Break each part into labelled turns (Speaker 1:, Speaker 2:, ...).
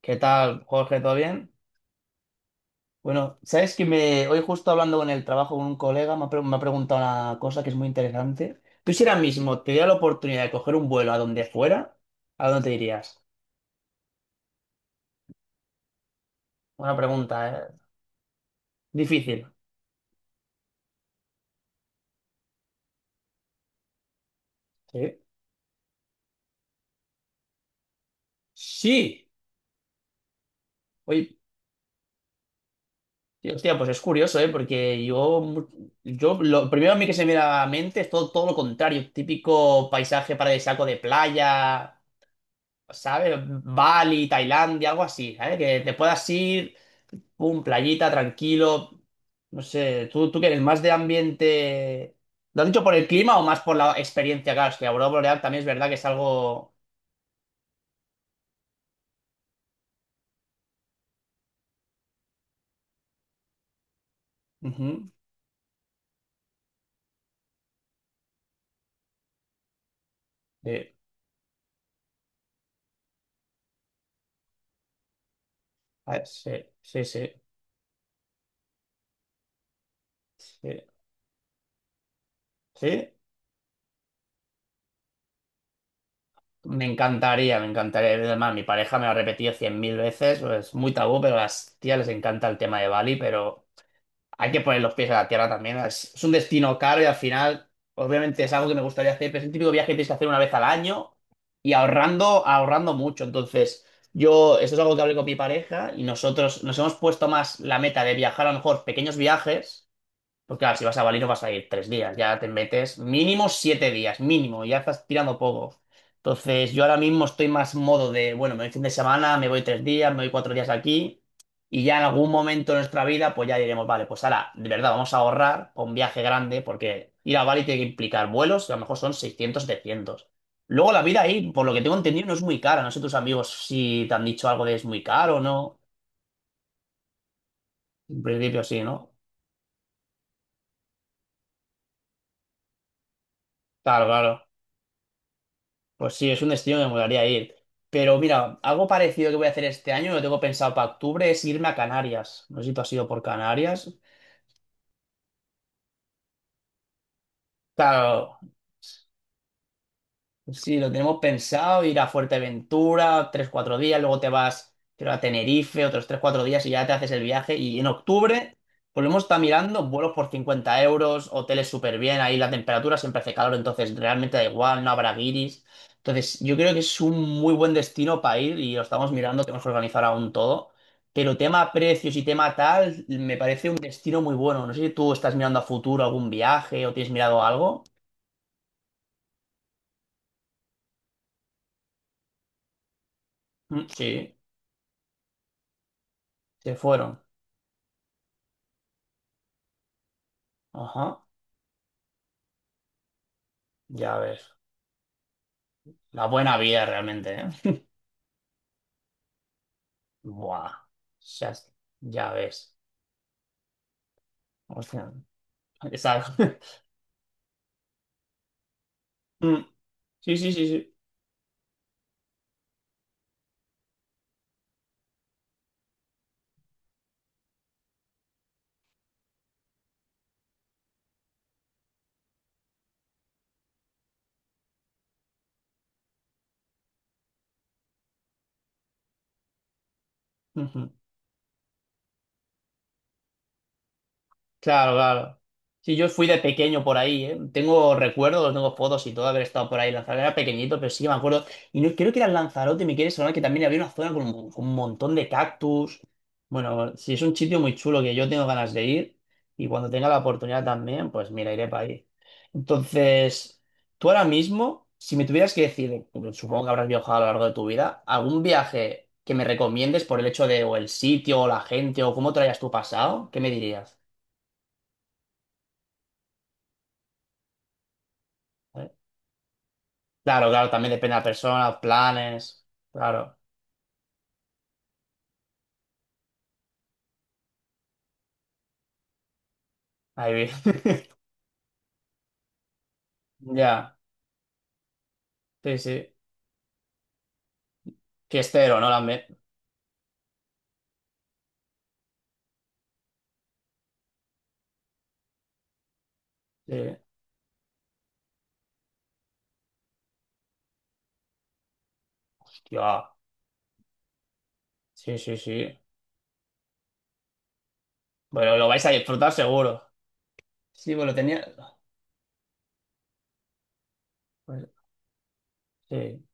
Speaker 1: ¿Qué tal, Jorge? ¿Todo bien? Bueno, sabes que hoy justo hablando con el trabajo con un colega me ha preguntado una cosa que es muy interesante. Tú, si ahora mismo te diera la oportunidad de coger un vuelo a donde fuera, ¿a dónde te irías? Buena pregunta, ¿eh? Difícil. Sí. Sí. Oye, tío, hostia, pues es curioso, ¿eh? Porque yo lo primero a mí que se me viene a la mente es todo, todo lo contrario. Típico paisaje paradisíaco de playa, ¿sabes? Bali, Tailandia, algo así, ¿eh? Que te puedas ir. Pum, playita, tranquilo. No sé, ¿tú qué eres? ¿Más de ambiente? ¿Lo has dicho por el clima o más por la experiencia? Claro, es que la aurora boreal también es verdad que es algo... Ujú. Sí, a ver, sí, sí, sí, sí, sí. Me encantaría, me encantaría. Además, mi pareja me lo ha repetido cien mil veces. Es muy tabú, pero a las tías les encanta el tema de Bali, pero... hay que poner los pies a la tierra también. Es un destino caro y al final, obviamente, es algo que me gustaría hacer, pero es el típico viaje que tienes que hacer una vez al año y ahorrando, ahorrando mucho. Entonces, yo, esto es algo que hablé con mi pareja y nosotros nos hemos puesto más la meta de viajar a lo mejor pequeños viajes. Porque claro, si vas a Bali no vas a ir 3 días, ya te metes mínimo 7 días, mínimo, ya estás tirando poco. Entonces, yo ahora mismo estoy más modo de, bueno, me voy fin de semana, me voy 3 días, me voy 4 días aquí, y ya en algún momento de nuestra vida, pues ya diremos, vale, pues ahora, de verdad, vamos a ahorrar para un viaje grande, porque ir a Bali tiene que implicar vuelos, que a lo mejor son 600 700. Luego la vida ahí, por lo que tengo entendido, no es muy cara. No sé, tus amigos si te han dicho algo de es muy caro o no. En principio sí, ¿no? Claro, claro. Pues sí, es un destino que me molaría ir. Pero mira, algo parecido que voy a hacer este año, lo tengo pensado para octubre, es irme a Canarias. No sé si tú has ido por Canarias. Claro. Sí, lo tenemos pensado, ir a Fuerteventura, 3 4 días, luego te vas, creo, a Tenerife, otros 3 4 días y ya te haces el viaje. Y en octubre, volvemos. Hemos estado mirando vuelos por 50 euros, hoteles súper bien, ahí la temperatura siempre hace calor, entonces realmente da igual, no habrá guiris. Entonces, yo creo que es un muy buen destino para ir y lo estamos mirando, tenemos que organizar aún todo. Pero tema precios y tema tal, me parece un destino muy bueno. No sé si tú estás mirando a futuro algún viaje o tienes mirado algo. Mm. Sí, se fueron. Ajá. Ya ves. La buena vida realmente, ¿eh? Buah. Ya, ya ves. Hostia. Esa- Mm. Sí, sí, sí, sí. Ujú. Claro, claro. Sí, yo fui de pequeño por ahí, ¿eh? Tengo recuerdos, tengo fotos y todo de haber estado por ahí. Lanzarote era pequeñito, pero sí me acuerdo. Y no, creo que era Lanzarote, me quiere sonar que también había una zona con un montón de cactus. Bueno, sí, es un sitio muy chulo que yo tengo ganas de ir. Y cuando tenga la oportunidad también, pues mira, iré para ahí. Entonces, tú ahora mismo, si me tuvieras que decir, supongo que habrás viajado a lo largo de tu vida, algún viaje que me recomiendes por el hecho de, o el sitio, o la gente, o cómo te lo hayas tú pasado, ¿qué me dirías? Claro, claro, también depende de la persona, planes. Claro, ahí vi. Ya, sí, sí. Fiestero, ¿no? También. Sí. Ya, sí, sí, sí. Bueno, lo vais a disfrutar seguro. Sí, bueno, tenía. Pues, sí.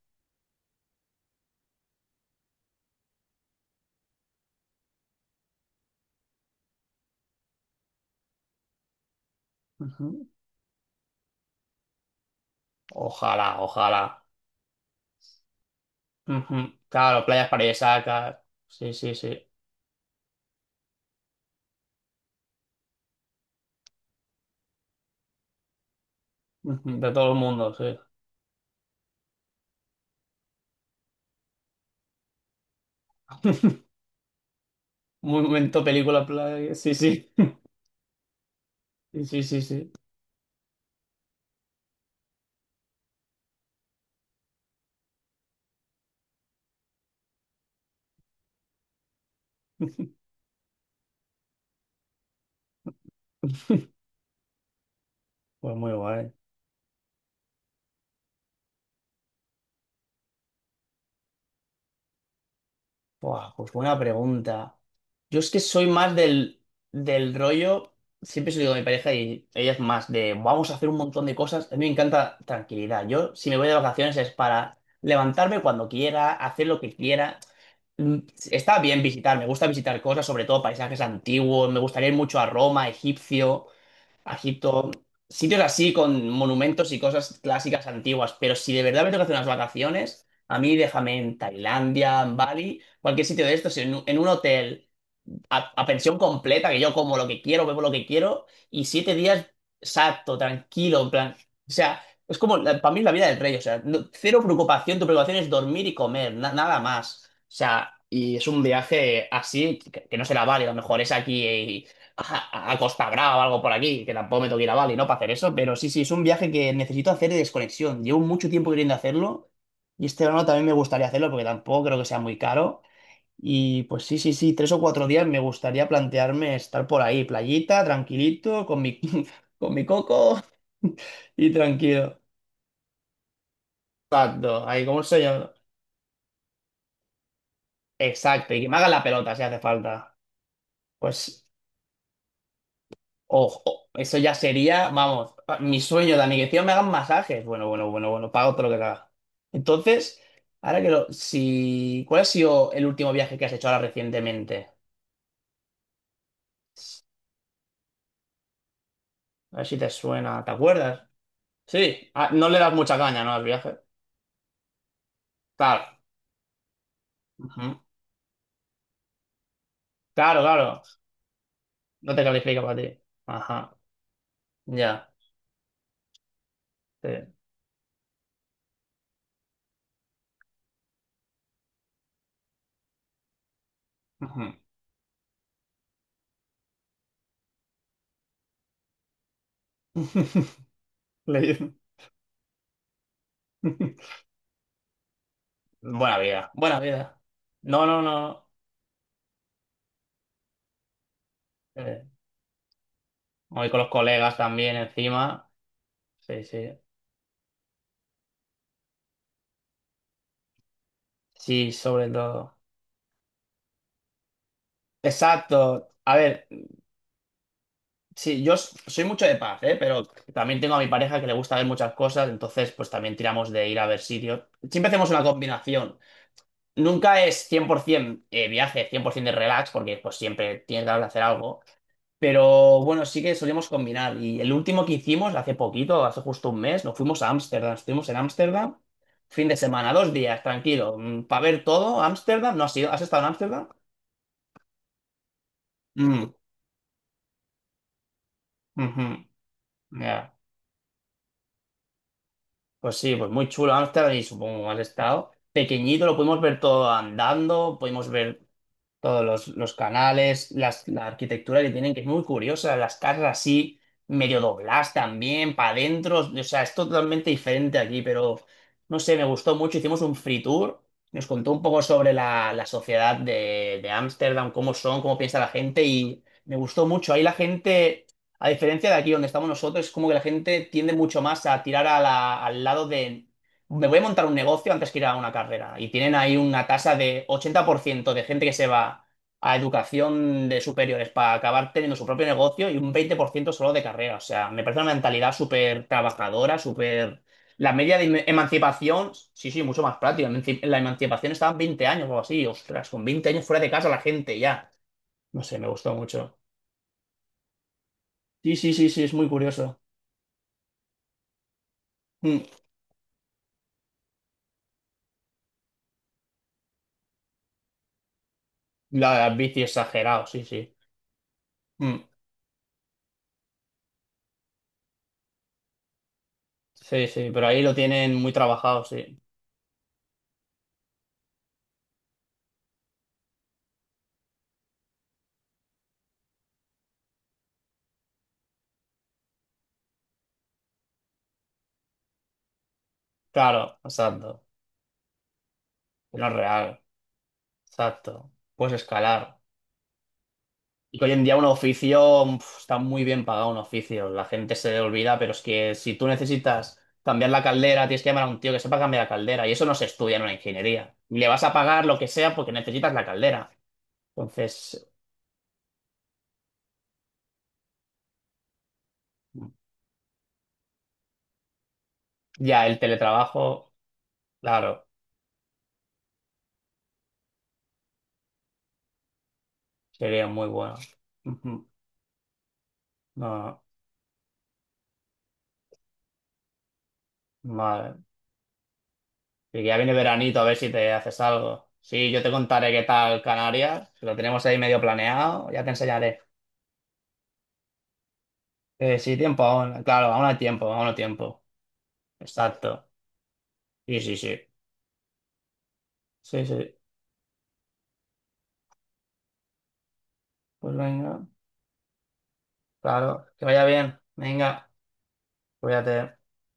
Speaker 1: Ujú. Ojalá, ojalá. Ujú. Claro, playas paradisíacas. Sí, sí, sí. Ujú. De todo el mundo, sí. Momento, película, playa. Sí, sí. Sí, sí, sí, sí. Pues muy guay. Buah, pues buena pregunta. Yo es que soy más del rollo, siempre se lo digo a mi pareja y ella es más de vamos a hacer un montón de cosas. A mí me encanta tranquilidad. Yo, si me voy de vacaciones es para levantarme cuando quiera, hacer lo que quiera. Mm. Está bien visitar, me gusta visitar cosas, sobre todo paisajes antiguos, me gustaría ir mucho a Roma, egipcio. Egipto, sitios así con monumentos y cosas clásicas antiguas, pero si de verdad me tengo que hacer unas vacaciones, a mí déjame en Tailandia, en Bali, cualquier sitio de estos, en un hotel a pensión completa, que yo como lo que quiero, bebo lo que quiero, y 7 días exacto, tranquilo, en plan. O sea, es como para mí la vida del rey, o sea, no- cero preocupación, tu preocupación es dormir y comer, nada más. O sea, y es un viaje así que no será Bali, a lo mejor es aquí, a Costa Brava o algo por aquí, que tampoco me tengo que ir a Bali, ¿no? Para hacer eso, pero sí, sí, es un viaje que necesito hacer de desconexión. Llevo mucho tiempo queriendo hacerlo. Y este verano también me gustaría hacerlo porque tampoco creo que sea muy caro. Y pues sí, sí, sí, 3 o 4 días me gustaría plantearme estar por ahí, playita, tranquilito, con mi, con mi coco y tranquilo. Exacto, ahí, ¿cómo se llama? Exacto, y que me haga la pelota si hace falta. Pues, ojo, eso ya sería, vamos, mi sueño, Dani, que me hagan masajes. Bueno, bueno, bueno, bueno, pago todo lo que haga. Entonces, ahora que lo, si, ¿cuál ha sido el último viaje que has hecho ahora recientemente? A ver si te suena, ¿te acuerdas? Sí. Ah, no le das mucha caña, ¿no? Al viaje. Claro. Ujú. Claro, claro. No te califica para ti. Ajá. Ya. Sí. Ujú. Le- Buena vida. Buena vida. No, no, no. Eh, voy con los colegas también encima. Sí, sí. Sí, sobre todo. Exacto. A ver, sí, yo soy mucho de paz, ¿eh? Pero también tengo a mi pareja que le gusta ver muchas cosas, entonces pues también tiramos de ir a ver sitios. Siempre hacemos una combinación. Nunca es 100% viaje, 100% de relax, porque pues siempre tienes que hacer algo. Pero bueno, sí que solíamos combinar. Y el último que hicimos, hace poquito, hace justo 1 mes, nos fuimos a Ámsterdam. Estuvimos en Ámsterdam, fin de semana, 2 días, tranquilo, para ver todo. Ámsterdam, ¿no has ido? ¿Has estado en Ámsterdam? Mm, ujú, ya. Pues sí, pues muy chulo Ámsterdam y supongo que has estado. Pequeñito, lo pudimos ver todo andando, pudimos ver todos los canales, la arquitectura que tienen, que es muy curiosa, las casas así, medio dobladas también, para adentro, o sea, es totalmente diferente aquí, pero no sé, me gustó mucho, hicimos un free tour, nos contó un poco sobre la sociedad de Ámsterdam, cómo son, cómo piensa la gente, y me gustó mucho, ahí la gente... A diferencia de aquí donde estamos nosotros, es como que la gente tiende mucho más a tirar a al lado de me voy a montar un negocio antes que ir a una carrera. Y tienen ahí una tasa de 80% de gente que se va a educación de superiores para acabar teniendo su propio negocio y un 20% solo de carrera. O sea, me parece una mentalidad súper trabajadora, súper... la media de emancipación, sí, sí, mucho más práctica. La emancipación estaba en 20 años o algo así. Ostras, con 20 años fuera de casa la gente ya. No sé, me gustó mucho. Sí, sí, sí, sí, es muy curioso. Mm. La bici exagerado, sí, sí. Mm. Sí, sí, pero ahí lo tienen muy trabajado, sí. Claro, exacto. No es real. Exacto. Puedes escalar. Y que hoy en día un oficio mm, pf, está muy bien pagado un oficio. La gente se olvida, pero es que si tú necesitas cambiar la caldera, tienes que llamar a un tío que sepa cambiar la caldera. Y eso no se estudia en una ingeniería. Le vas a pagar lo que sea porque necesitas la caldera. Entonces, ya el teletrabajo, claro, sería muy bueno. Ujú. No, no, vale. Y que ya viene veranito, a ver si te haces algo. Sí, yo te contaré qué tal Canarias. Lo tenemos ahí medio planeado, ya te enseñaré. Sí, tiempo aún. Claro, aún hay tiempo, aún hay tiempo. Exacto. Sí, sí, sí. Sí, sí. Pues venga, claro. Que vaya bien. Venga, cuídate.